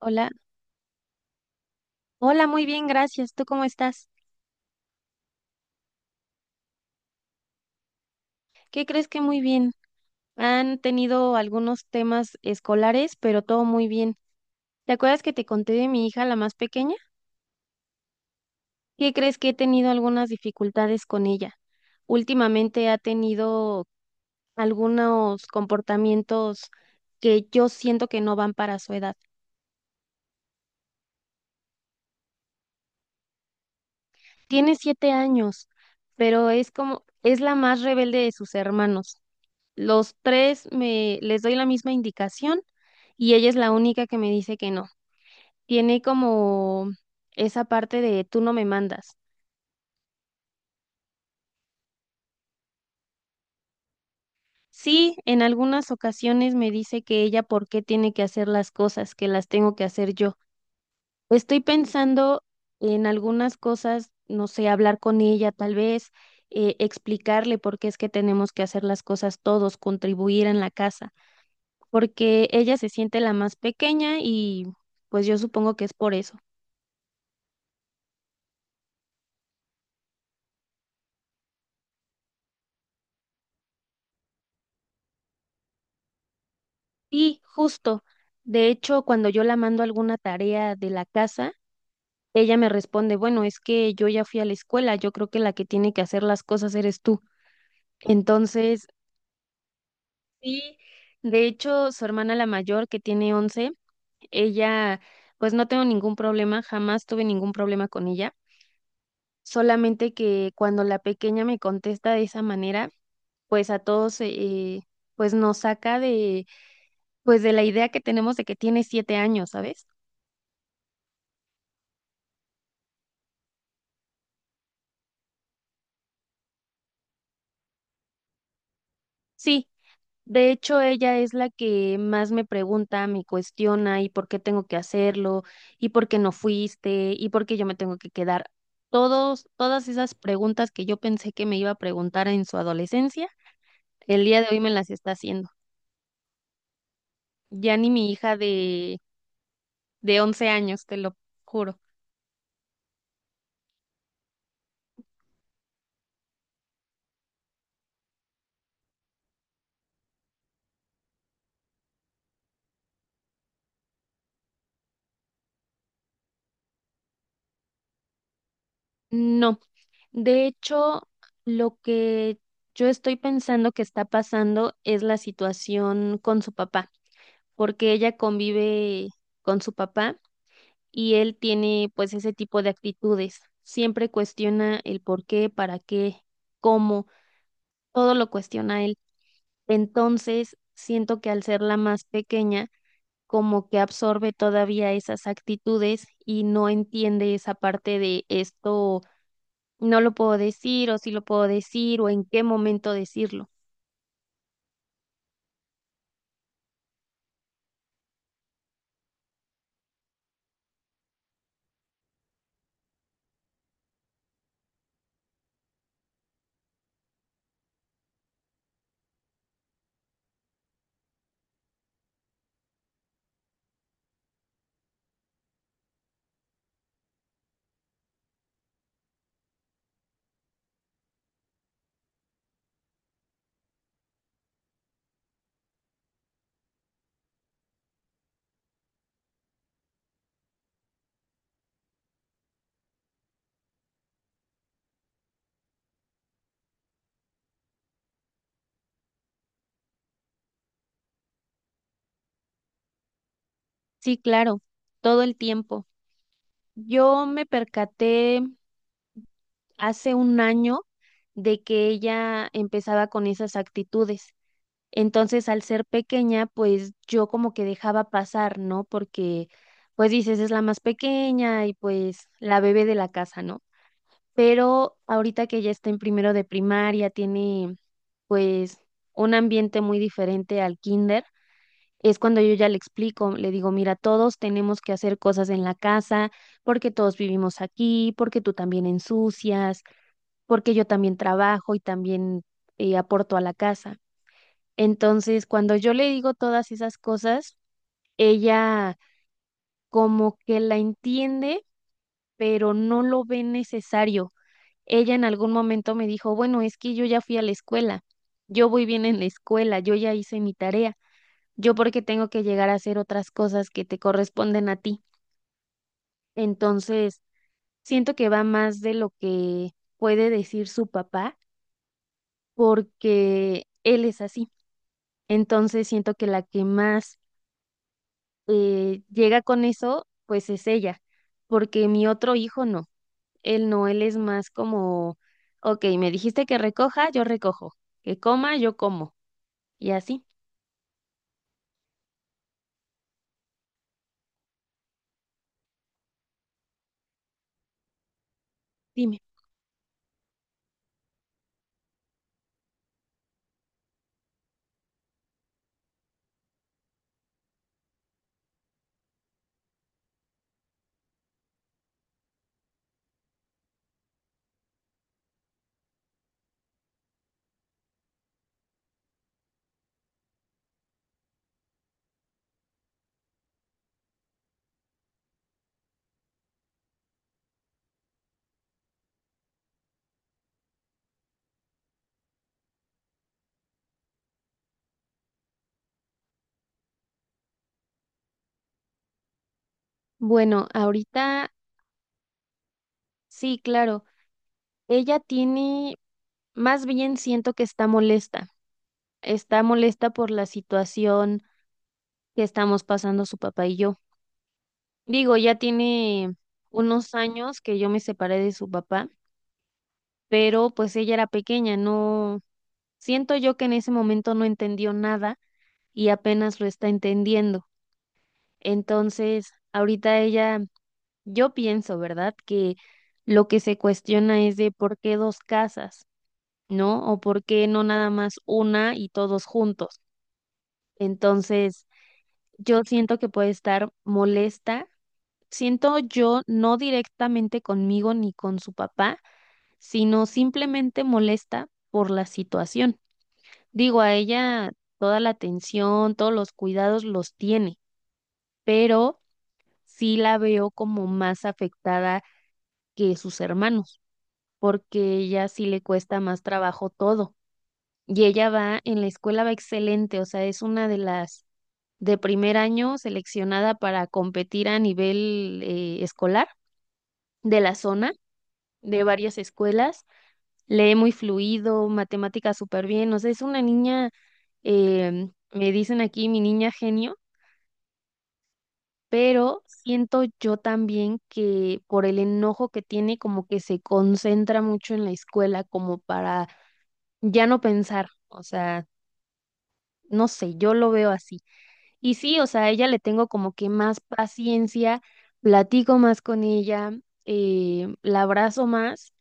Hola, hola, muy bien, gracias. ¿Tú cómo estás? ¿Qué crees que muy bien? Han tenido algunos temas escolares, pero todo muy bien. ¿Te acuerdas que te conté de mi hija, la más pequeña? ¿Qué crees que he tenido algunas dificultades con ella? Últimamente ha tenido algunos comportamientos que yo siento que no van para su edad. Tiene siete años, pero es como, es la más rebelde de sus hermanos. Los tres me les doy la misma indicación y ella es la única que me dice que no. Tiene como esa parte de tú no me mandas. Sí, en algunas ocasiones me dice que ella por qué tiene que hacer las cosas, que las tengo que hacer yo. Estoy pensando en algunas cosas, no sé, hablar con ella tal vez, explicarle por qué es que tenemos que hacer las cosas todos, contribuir en la casa, porque ella se siente la más pequeña y pues yo supongo que es por eso. Sí, justo. De hecho, cuando yo la mando alguna tarea de la casa, ella me responde, bueno, es que yo ya fui a la escuela, yo creo que la que tiene que hacer las cosas eres tú. Entonces, sí, de hecho, su hermana la mayor, que tiene 11, ella, pues no tengo ningún problema, jamás tuve ningún problema con ella, solamente que cuando la pequeña me contesta de esa manera, pues a todos, pues nos saca de, pues de la idea que tenemos de que tiene 7 años, ¿sabes? Sí, de hecho, ella es la que más me pregunta, me cuestiona y por qué tengo que hacerlo, y por qué no fuiste, y por qué yo me tengo que quedar. Todas esas preguntas que yo pensé que me iba a preguntar en su adolescencia, el día de hoy me las está haciendo. Ya ni mi hija de, once años, te lo juro. No, de hecho, lo que yo estoy pensando que está pasando es la situación con su papá, porque ella convive con su papá y él tiene pues ese tipo de actitudes. Siempre cuestiona el por qué, para qué, cómo, todo lo cuestiona él. Entonces, siento que al ser la más pequeña, como que absorbe todavía esas actitudes y no entiende esa parte de esto, no lo puedo decir o sí lo puedo decir o en qué momento decirlo. Sí, claro, todo el tiempo. Yo me percaté hace un año de que ella empezaba con esas actitudes. Entonces, al ser pequeña, pues yo como que dejaba pasar, ¿no? Porque, pues dices, es la más pequeña y pues la bebé de la casa, ¿no? Pero ahorita que ya está en primero de primaria, tiene pues un ambiente muy diferente al kinder. Es cuando yo ya le explico, le digo, mira, todos tenemos que hacer cosas en la casa, porque todos vivimos aquí, porque tú también ensucias, porque yo también trabajo y también aporto a la casa. Entonces, cuando yo le digo todas esas cosas, ella como que la entiende, pero no lo ve necesario. Ella en algún momento me dijo, bueno, es que yo ya fui a la escuela, yo voy bien en la escuela, yo ya hice mi tarea, yo porque tengo que llegar a hacer otras cosas que te corresponden a ti. Entonces, siento que va más de lo que puede decir su papá, porque él es así. Entonces, siento que la que más llega con eso, pues es ella, porque mi otro hijo no, él no, él es más como, ok, me dijiste que recoja, yo recojo, que coma, yo como, y así, dime. Bueno, ahorita sí, claro, ella tiene, más bien siento que está molesta por la situación que estamos pasando su papá y yo. Digo, ya tiene unos años que yo me separé de su papá, pero pues ella era pequeña, no. Siento yo que en ese momento no entendió nada y apenas lo está entendiendo. Entonces, ahorita ella, yo pienso, ¿verdad? Que lo que se cuestiona es de por qué dos casas, ¿no? O por qué no nada más una y todos juntos. Entonces, yo siento que puede estar molesta. Siento yo no directamente conmigo ni con su papá, sino simplemente molesta por la situación. Digo, a ella toda la atención, todos los cuidados los tiene, pero sí la veo como más afectada que sus hermanos, porque ella sí le cuesta más trabajo todo. Y ella va en la escuela, va excelente, o sea, es una de las de primer año seleccionada para competir a nivel escolar de la zona, de varias escuelas. Lee muy fluido, matemáticas súper bien, o sea, es una niña, me dicen aquí mi niña genio, pero siento yo también que por el enojo que tiene, como que se concentra mucho en la escuela, como para ya no pensar, o sea, no sé, yo lo veo así. Y sí, o sea, a ella le tengo como que más paciencia, platico más con ella, la abrazo más,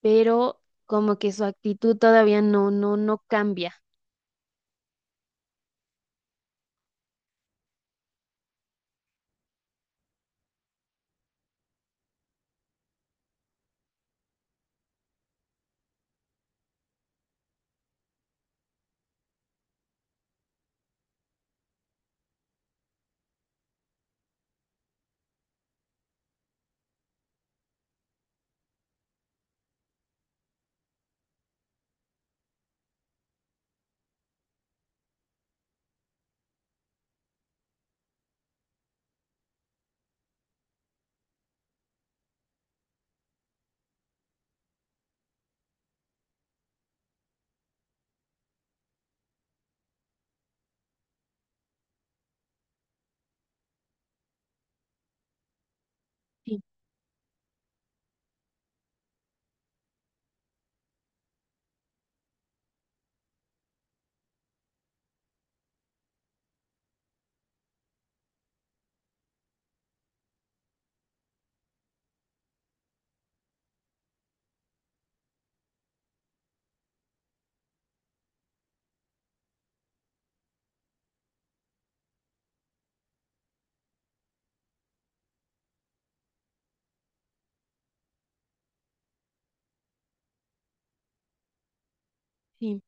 pero como que su actitud todavía no, no, no cambia. Sí, sí,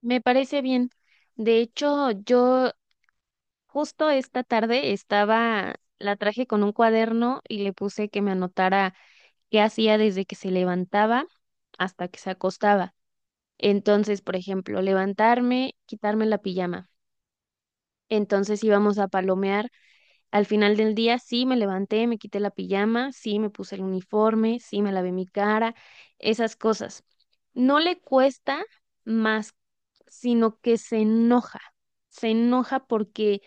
me parece bien. De hecho, yo Justo esta tarde estaba, la traje con un cuaderno y le puse que me anotara qué hacía desde que se levantaba hasta que se acostaba. Entonces, por ejemplo, levantarme, quitarme la pijama. Entonces íbamos a palomear. Al final del día, sí me levanté, me quité la pijama, sí me puse el uniforme, sí me lavé mi cara, esas cosas. No le cuesta más, sino que se enoja. Se enoja porque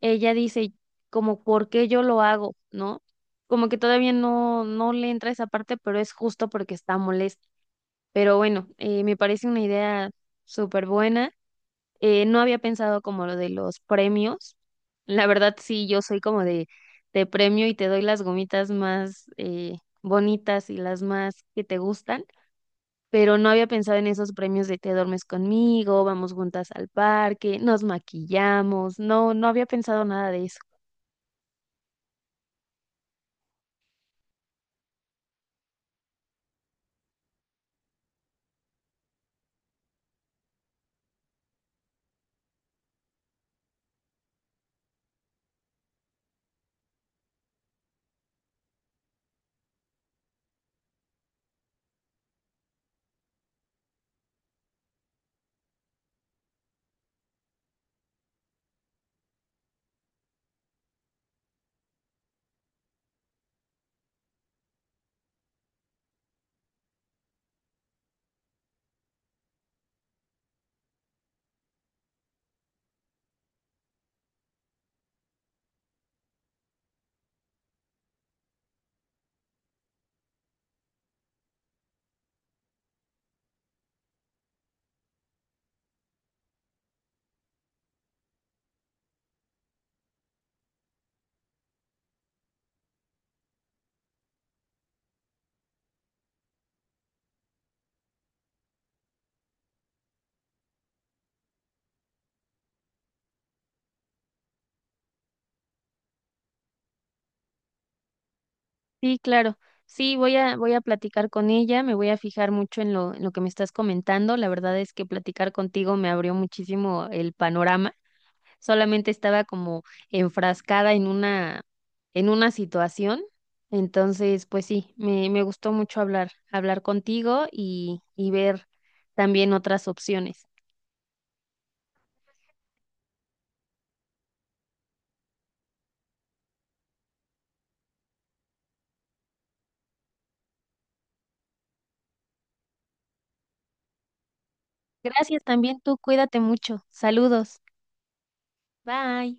ella dice como por qué yo lo hago, ¿no? Como que todavía no, no le entra esa parte, pero es justo porque está molesta. Pero bueno, me parece una idea súper buena. No había pensado como lo de los premios. La verdad, sí, yo soy como de, premio y te doy las gomitas más bonitas y las más que te gustan. Pero no había pensado en esos premios de te duermes conmigo, vamos juntas al parque, nos maquillamos. No, no había pensado nada de eso. Sí, claro. Sí, voy a platicar con ella, me voy a fijar mucho en lo que me estás comentando. La verdad es que platicar contigo me abrió muchísimo el panorama. Solamente estaba como enfrascada en una situación. Entonces, pues sí, me gustó mucho hablar contigo y ver también otras opciones. Gracias también tú, cuídate mucho. Saludos. Bye.